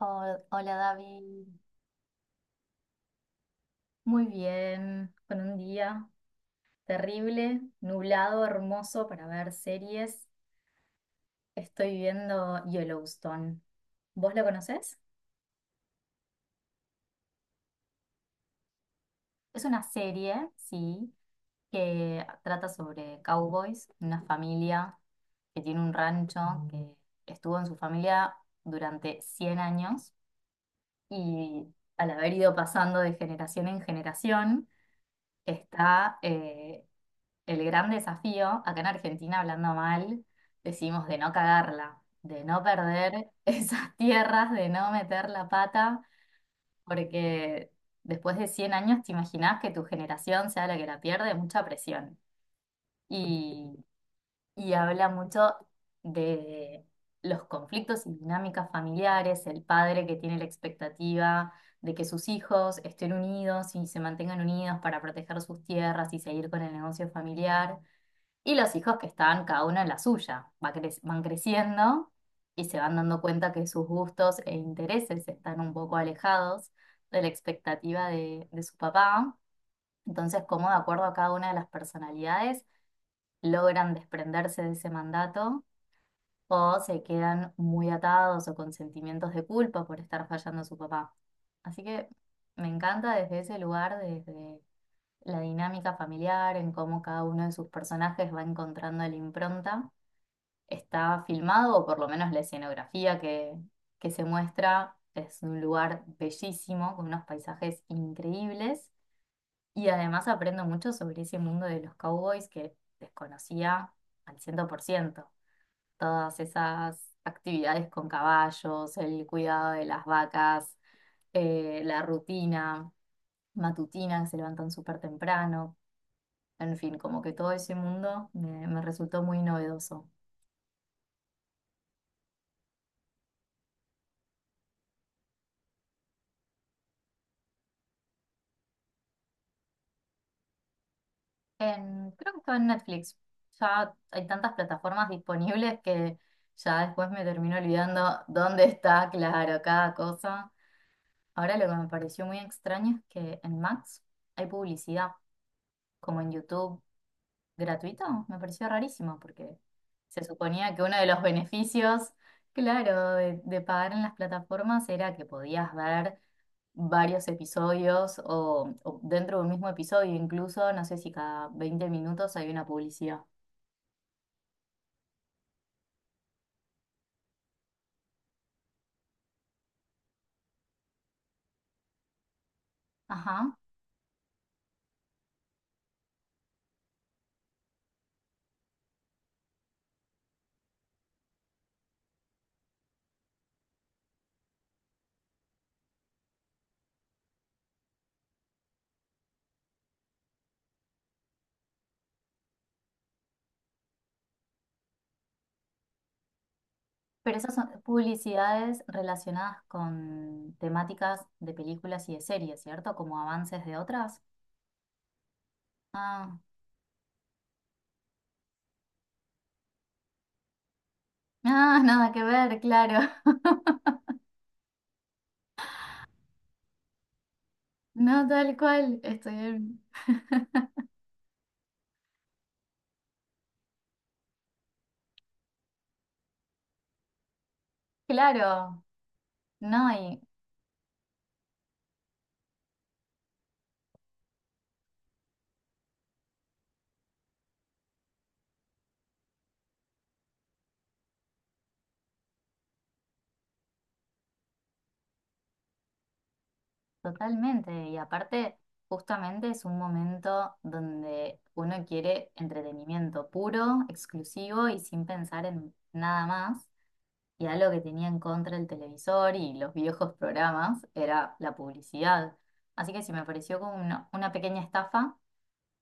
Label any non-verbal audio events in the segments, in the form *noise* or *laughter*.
Hola David, muy bien, con un día terrible, nublado, hermoso para ver series. Estoy viendo Yellowstone. ¿Vos lo conocés? Es una serie, sí, que trata sobre cowboys, una familia que tiene un rancho que estuvo en su familia durante 100 años y al haber ido pasando de generación en generación, está... eh, el gran desafío, acá en Argentina, hablando mal, decimos de no cagarla, de no perder *laughs* esas tierras, de no meter la pata, porque después de 100 años te imaginás que tu generación sea la que la pierde, mucha presión. Y, y habla mucho de los conflictos y dinámicas familiares, el padre que tiene la expectativa de que sus hijos estén unidos y se mantengan unidos para proteger sus tierras y seguir con el negocio familiar y los hijos que están cada uno en la suya, van creciendo y se van dando cuenta que sus gustos e intereses están un poco alejados de la expectativa de su papá. Entonces, cómo de acuerdo a cada una de las personalidades logran desprenderse de ese mandato o se quedan muy atados o con sentimientos de culpa por estar fallando a su papá. Así que me encanta desde ese lugar, desde la dinámica familiar, en cómo cada uno de sus personajes va encontrando la impronta. Está filmado, o por lo menos la escenografía que se muestra, es un lugar bellísimo, con unos paisajes increíbles. Y además aprendo mucho sobre ese mundo de los cowboys que desconocía al 100 por ciento. Todas esas actividades con caballos, el cuidado de las vacas, la rutina matutina, que se levantan súper temprano. En fin, como que todo ese mundo me resultó muy novedoso. Creo que estaba en Netflix. Ya hay tantas plataformas disponibles que ya después me termino olvidando dónde está, claro, cada cosa. Ahora lo que me pareció muy extraño es que en Max hay publicidad, como en YouTube, gratuito. Me pareció rarísimo porque se suponía que uno de los beneficios, claro, de pagar en las plataformas era que podías ver varios episodios o dentro de un mismo episodio, incluso, no sé si cada 20 minutos hay una publicidad. Ajá. Pero esas son publicidades relacionadas con temáticas de películas y de series, ¿cierto? Como avances de otras. Ah, *laughs* ah, nada que ver, claro. *laughs* No, tal cual, claro, no, y totalmente. Y aparte, justamente es un momento donde uno quiere entretenimiento puro, exclusivo y sin pensar en nada más. Y algo que tenía en contra el televisor y los viejos programas era la publicidad. Así que sí me pareció como una pequeña estafa,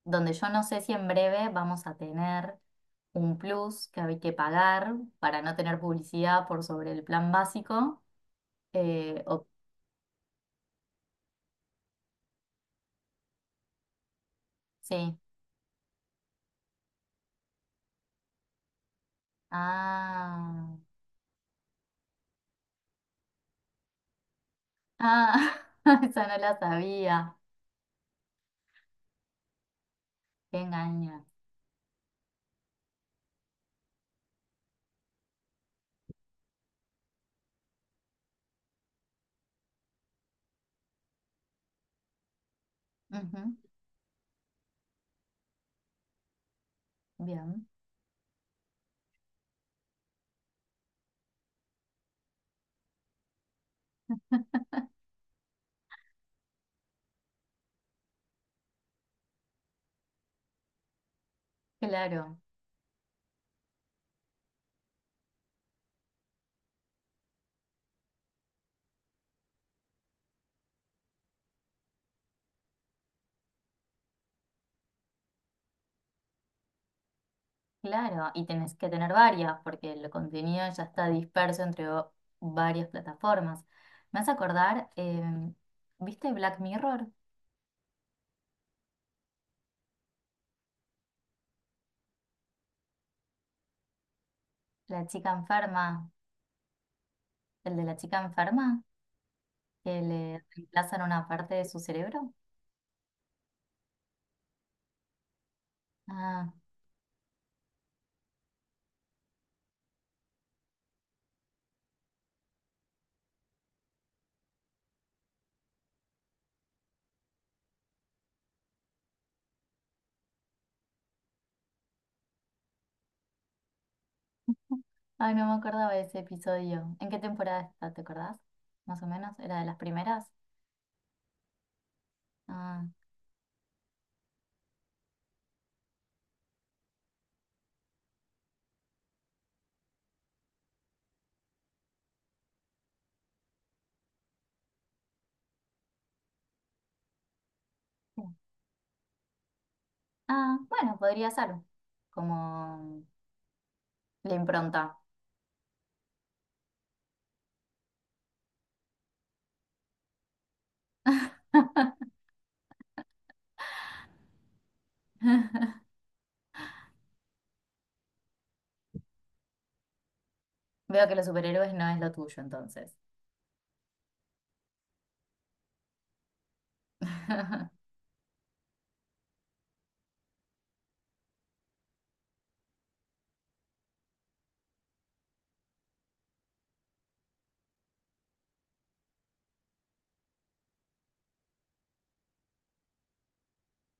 donde yo no sé si en breve vamos a tener un plus que hay que pagar para no tener publicidad por sobre el plan básico. Eh, o, sí. Ah, ah, *laughs* esa no la sabía. Qué engaña. Ujú, bien, claro. Claro, y tenés que tener varias, porque el contenido ya está disperso varias plataformas. Me hace acordar, ¿viste Black Mirror? La chica enferma, el de la chica enferma, que le reemplazan una parte de su cerebro. Ah, ay, no me acordaba de ese episodio. ¿En qué temporada está? ¿Te acordás? Más o menos, ¿era de las primeras? Ah, sí. Ah, bueno, podría ser, como la impronta. Veo que los superhéroes no es lo tuyo entonces. *laughs*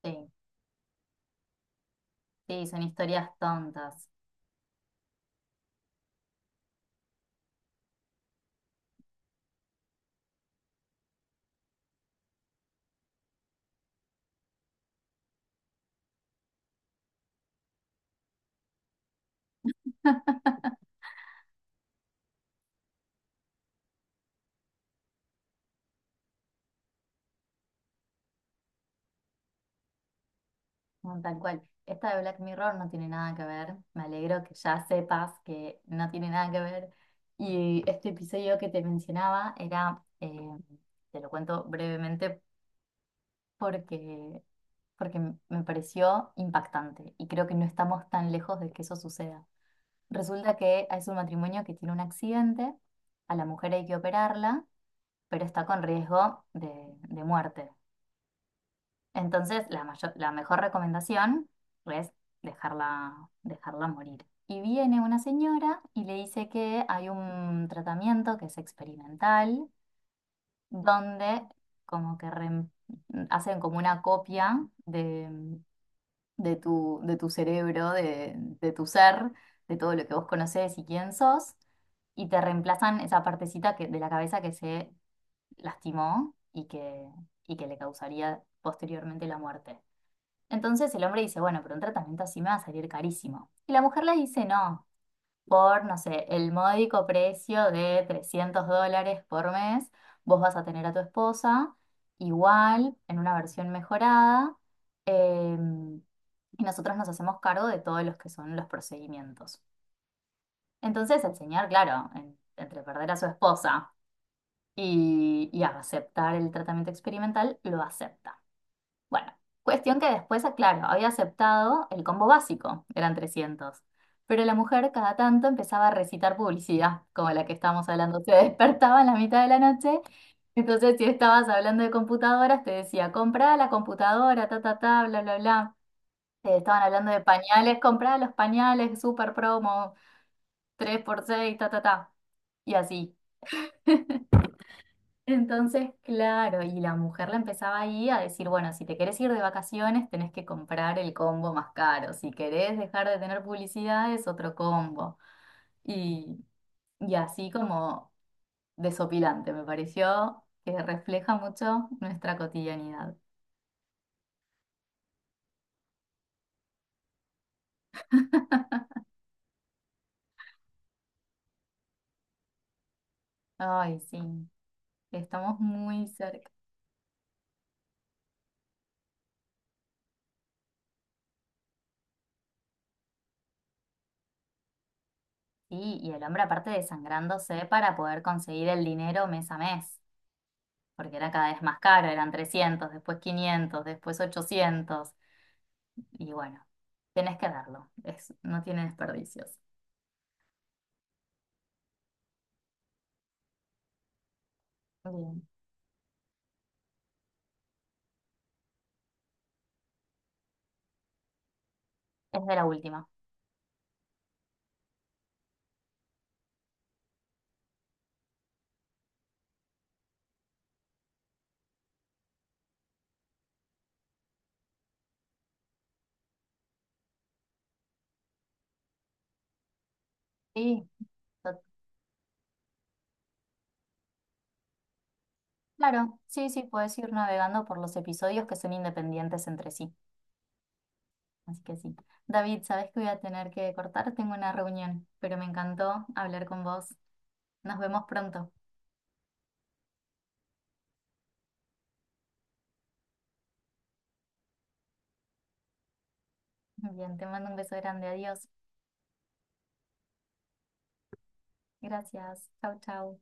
Sí. Sí, son historias tontas. *laughs* No, tal cual. Esta de Black Mirror no tiene nada que ver. Me alegro que ya sepas que no tiene nada que ver. Y este episodio que te mencionaba era, te lo cuento brevemente porque, porque me pareció impactante y creo que no estamos tan lejos de que eso suceda. Resulta que es un matrimonio que tiene un accidente, a la mujer hay que operarla, pero está con riesgo de muerte. Entonces, la mejor recomendación es dejarla, dejarla morir. Y viene una señora y le dice que hay un tratamiento que es experimental, donde como que reem- hacen como una copia de tu cerebro, de tu ser, de todo lo que vos conocés y quién sos, y te reemplazan esa partecita que, de la cabeza que se lastimó y que le causaría posteriormente la muerte. Entonces el hombre dice, bueno, pero un tratamiento así me va a salir carísimo. Y la mujer le dice, no, por, no sé, el módico precio de $300 por mes, vos vas a tener a tu esposa igual, en una versión mejorada, em, y nosotros nos hacemos cargo de todos los que son los procedimientos. Entonces el señor, claro, entre perder a su esposa y aceptar el tratamiento experimental, lo acepta. Bueno, cuestión que después, ah, claro, había aceptado el combo básico, eran 300. Pero la mujer cada tanto empezaba a recitar publicidad, como la que estábamos hablando. Se despertaba en la mitad de la noche. Entonces, si estabas hablando de computadoras, te decía, comprá la computadora, ta, ta, ta, bla, bla, bla. Te estaban hablando de pañales, comprá los pañales, super promo, tres por seis ta, ta, ta. Y así. Entonces, claro, y la mujer la empezaba ahí a decir, bueno, si te querés ir de vacaciones, tenés que comprar el combo más caro. Si querés dejar de tener publicidad, es otro combo. Y, y así como desopilante, me pareció que refleja mucho nuestra cotidianidad. Ay, sí, estamos muy cerca. Sí, y el hombre aparte desangrándose para poder conseguir el dinero mes a mes, porque era cada vez más caro, eran 300 después 500 después 800. Y bueno, tenés que darlo. Es, no tiene desperdicios. Bien. Es de la última. Sí, to- claro. Sí, sí, puedes ir navegando por los episodios que son independientes entre sí. Así que sí. David, sabes que voy a tener que cortar. Tengo una reunión, pero me encantó hablar con vos. Nos vemos pronto. Bien, te mando un beso grande. Adiós. Gracias. Chau, chau.